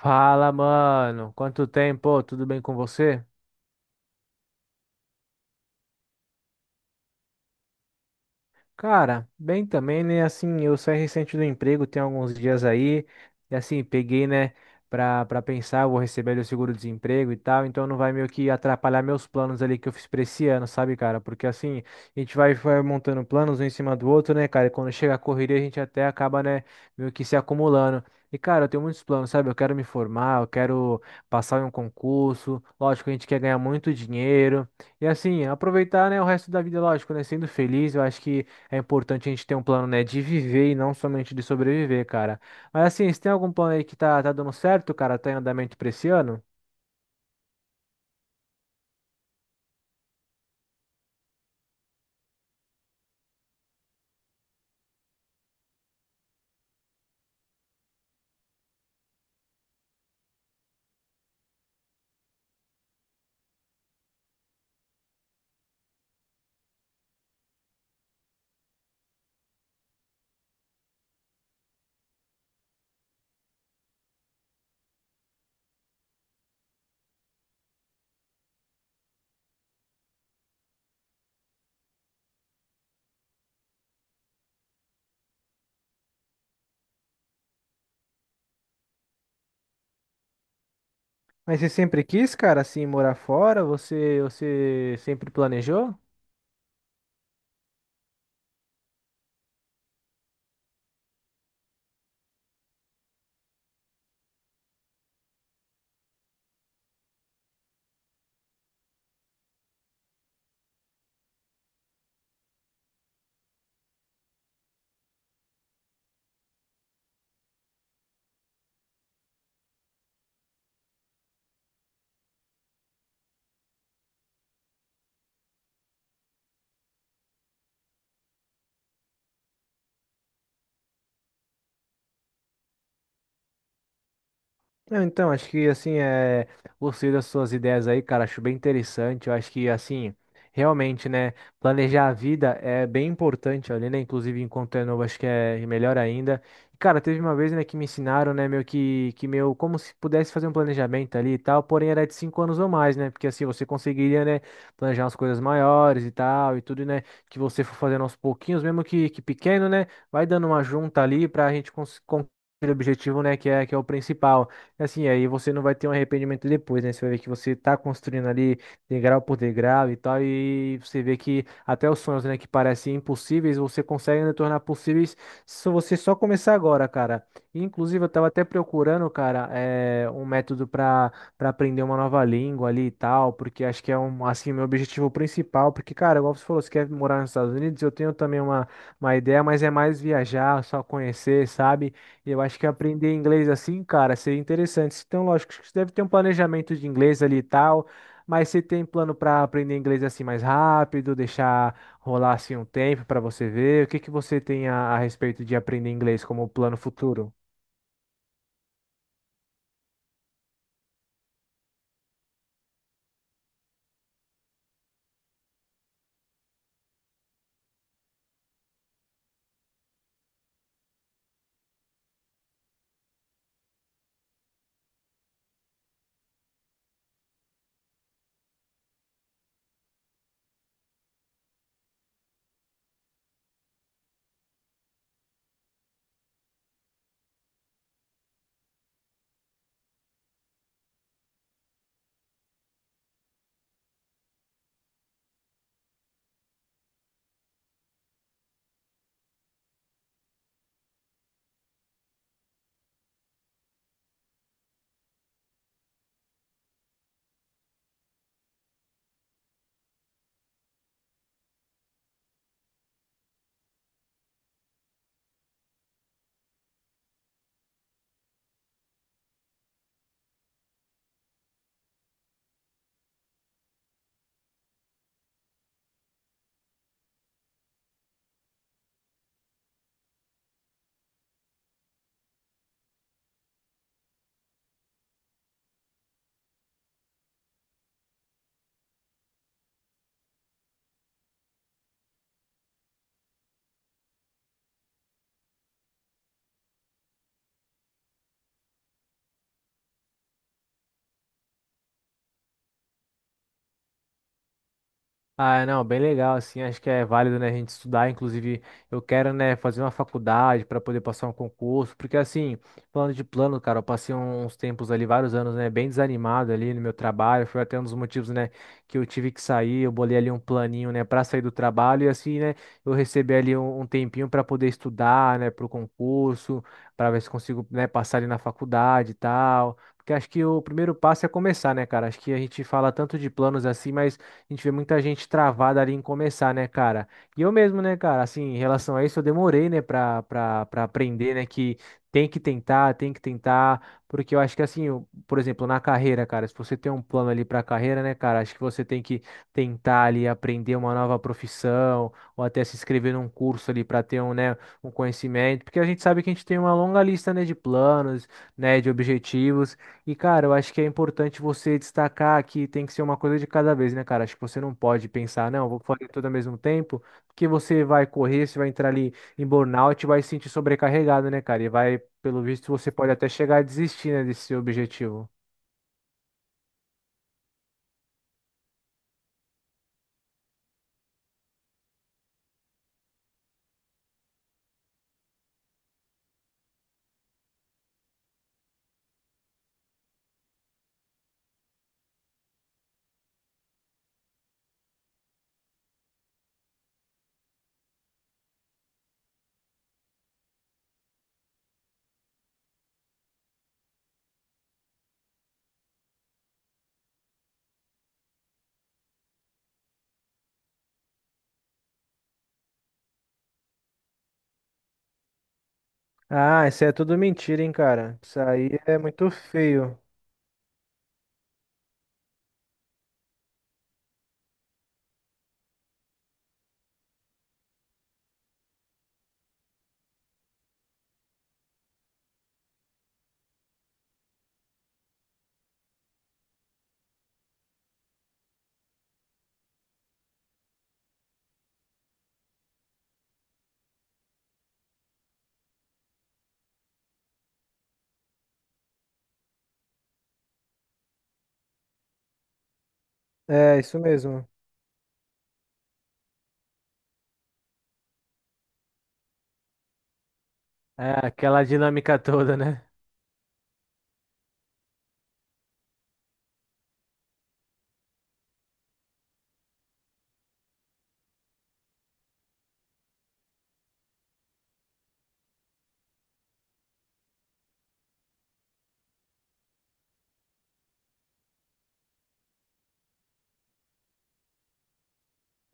Fala, mano. Quanto tempo? Tudo bem com você? Cara, bem também, né? Assim, eu saí recente do emprego, tem alguns dias aí, e assim, peguei, né, pra pensar, eu vou receber ali o seguro-desemprego e tal, então não vai meio que atrapalhar meus planos ali que eu fiz pra esse ano, sabe, cara? Porque assim, a gente vai montando planos um em cima do outro, né, cara? E quando chega a correria, a gente até acaba, né, meio que se acumulando. E, cara, eu tenho muitos planos, sabe? Eu quero me formar, eu quero passar em um concurso. Lógico, a gente quer ganhar muito dinheiro. E, assim, aproveitar, né, o resto da vida, lógico, né? Sendo feliz, eu acho que. É importante a gente ter um plano, né, de viver e não somente de sobreviver, cara. Mas assim, se tem algum plano aí que tá dando certo, cara? Tá em andamento pra esse ano? Mas você sempre quis, cara, assim, morar fora? Você sempre planejou? Não, então, acho que assim, é, gostei das suas ideias aí, cara, acho bem interessante. Eu acho que assim, realmente, né, planejar a vida é bem importante ali, né? Inclusive, enquanto é novo, acho que é melhor ainda. E, cara, teve uma vez, né, que me ensinaram, né, meu que meu, como se pudesse fazer um planejamento ali e tal, porém era de 5 anos ou mais, né? Porque assim você conseguiria, né, planejar umas coisas maiores e tal, e tudo, né, que você for fazendo aos pouquinhos, mesmo que pequeno, né, vai dando uma junta ali pra gente conseguir o objetivo, né, que é o principal. Assim, aí você não vai ter um arrependimento depois, né? Você vai ver que você tá construindo ali degrau por degrau e tal, e você vê que até os sonhos, né, que parecem impossíveis, você consegue né, tornar possíveis se você só começar agora, cara. E, inclusive, eu tava até procurando, cara, um método para aprender uma nova língua ali e tal, porque acho que é um, assim, meu objetivo principal, porque, cara, igual você falou, você quer morar nos Estados Unidos, eu tenho também uma ideia, mas é mais viajar, só conhecer, sabe? Eu acho que aprender inglês assim, cara, seria interessante. Então, lógico, que você deve ter um planejamento de inglês ali e tal, mas você tem plano para aprender inglês assim mais rápido, deixar rolar assim um tempo para você ver? O que que você tem a respeito de aprender inglês como plano futuro? Ah, não, bem legal, assim, acho que é válido, né, a gente estudar, inclusive eu quero, né, fazer uma faculdade para poder passar um concurso, porque assim, falando de plano, cara, eu passei um, uns tempos ali, vários anos, né, bem desanimado ali no meu trabalho, foi até um dos motivos, né, que eu tive que sair, eu bolei ali um planinho, né, para sair do trabalho e assim, né, eu recebi ali um, um tempinho para poder estudar, né, pro concurso, para ver se consigo, né, passar ali na faculdade e tal. Porque acho que o primeiro passo é começar, né, cara? Acho que a gente fala tanto de planos assim, mas a gente vê muita gente travada ali em começar, né, cara? E eu mesmo, né, cara, assim, em relação a isso, eu demorei, né, pra aprender, né, que tem que tentar, porque eu acho que, assim, por exemplo, na carreira, cara, se você tem um plano ali pra carreira, né, cara, acho que você tem que tentar ali aprender uma nova profissão, ou até se inscrever num curso ali pra ter um, né, um conhecimento, porque a gente sabe que a gente tem uma longa lista, né, de planos, né, de objetivos. E, cara, eu acho que é importante você destacar que tem que ser uma coisa de cada vez, né, cara? Acho que você não pode pensar, não, vou fazer tudo ao mesmo tempo, porque você vai correr, você vai entrar ali em burnout e vai se sentir sobrecarregado, né, cara? E vai, pelo visto, você pode até chegar a desistir, né, desse seu objetivo. Ah, isso é tudo mentira, hein, cara? Isso aí é muito feio. É, isso mesmo. É, aquela dinâmica toda, né?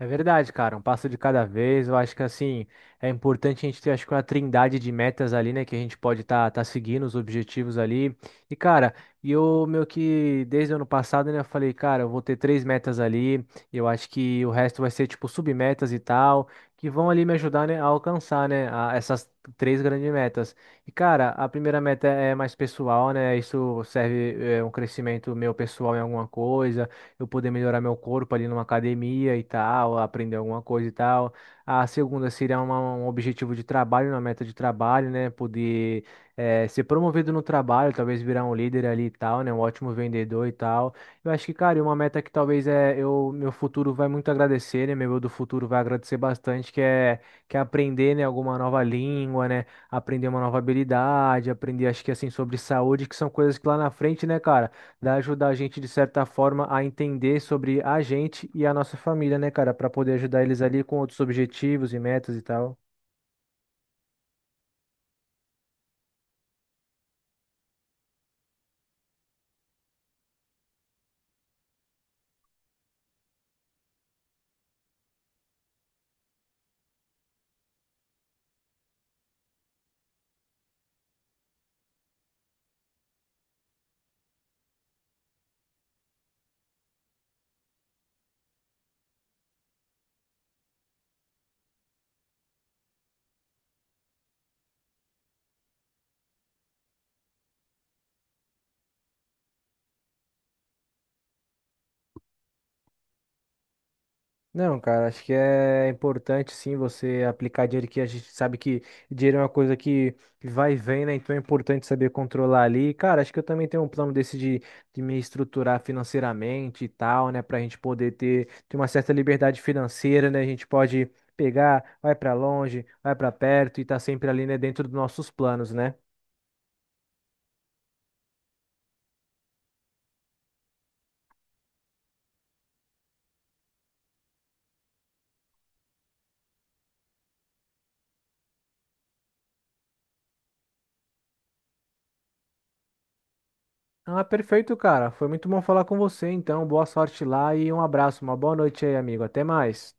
É verdade, cara, um passo de cada vez. Eu acho que assim é importante a gente ter, acho que uma trindade de metas ali, né, que a gente pode estar tá seguindo os objetivos ali. E cara, e eu meu que desde o ano passado, né, eu falei, cara, eu vou ter 3 metas ali. E eu acho que o resto vai ser tipo submetas e tal, que vão ali me ajudar, né, a alcançar, né, a- essas 3 grandes metas. E cara, a primeira meta é mais pessoal, né? Isso serve é, um crescimento meu pessoal em alguma coisa eu poder melhorar meu corpo ali numa academia e tal, aprender alguma coisa e tal. A segunda seria uma- um objetivo de trabalho, uma meta de trabalho, né? Poder ser promovido no trabalho, talvez virar um líder ali e tal, né? Um ótimo vendedor e tal. Eu acho que, cara, e uma meta que talvez é eu, meu futuro vai muito agradecer, né? Meu eu do futuro vai agradecer bastante, que é aprender, né, alguma nova língua, né? Aprender uma nova habilidade, aprender, acho que assim, sobre saúde, que são coisas que lá na frente, né, cara? Vai ajudar a gente, de certa forma, a entender sobre a gente e a nossa família, né, cara? Para poder ajudar eles ali com outros objetivos e metas e tal. Não, cara, acho que é importante sim você aplicar dinheiro que a gente sabe que dinheiro é uma coisa que vai e vem, né? Então é importante saber controlar ali. Cara, acho que eu também tenho um plano desse de me estruturar financeiramente e tal, né? Pra gente poder ter uma certa liberdade financeira, né? A gente pode pegar, vai pra longe, vai pra perto e tá sempre ali, né, dentro dos nossos planos, né? Ah, perfeito, cara. Foi muito bom falar com você, então. Boa sorte lá e um abraço, uma boa noite aí, amigo. Até mais.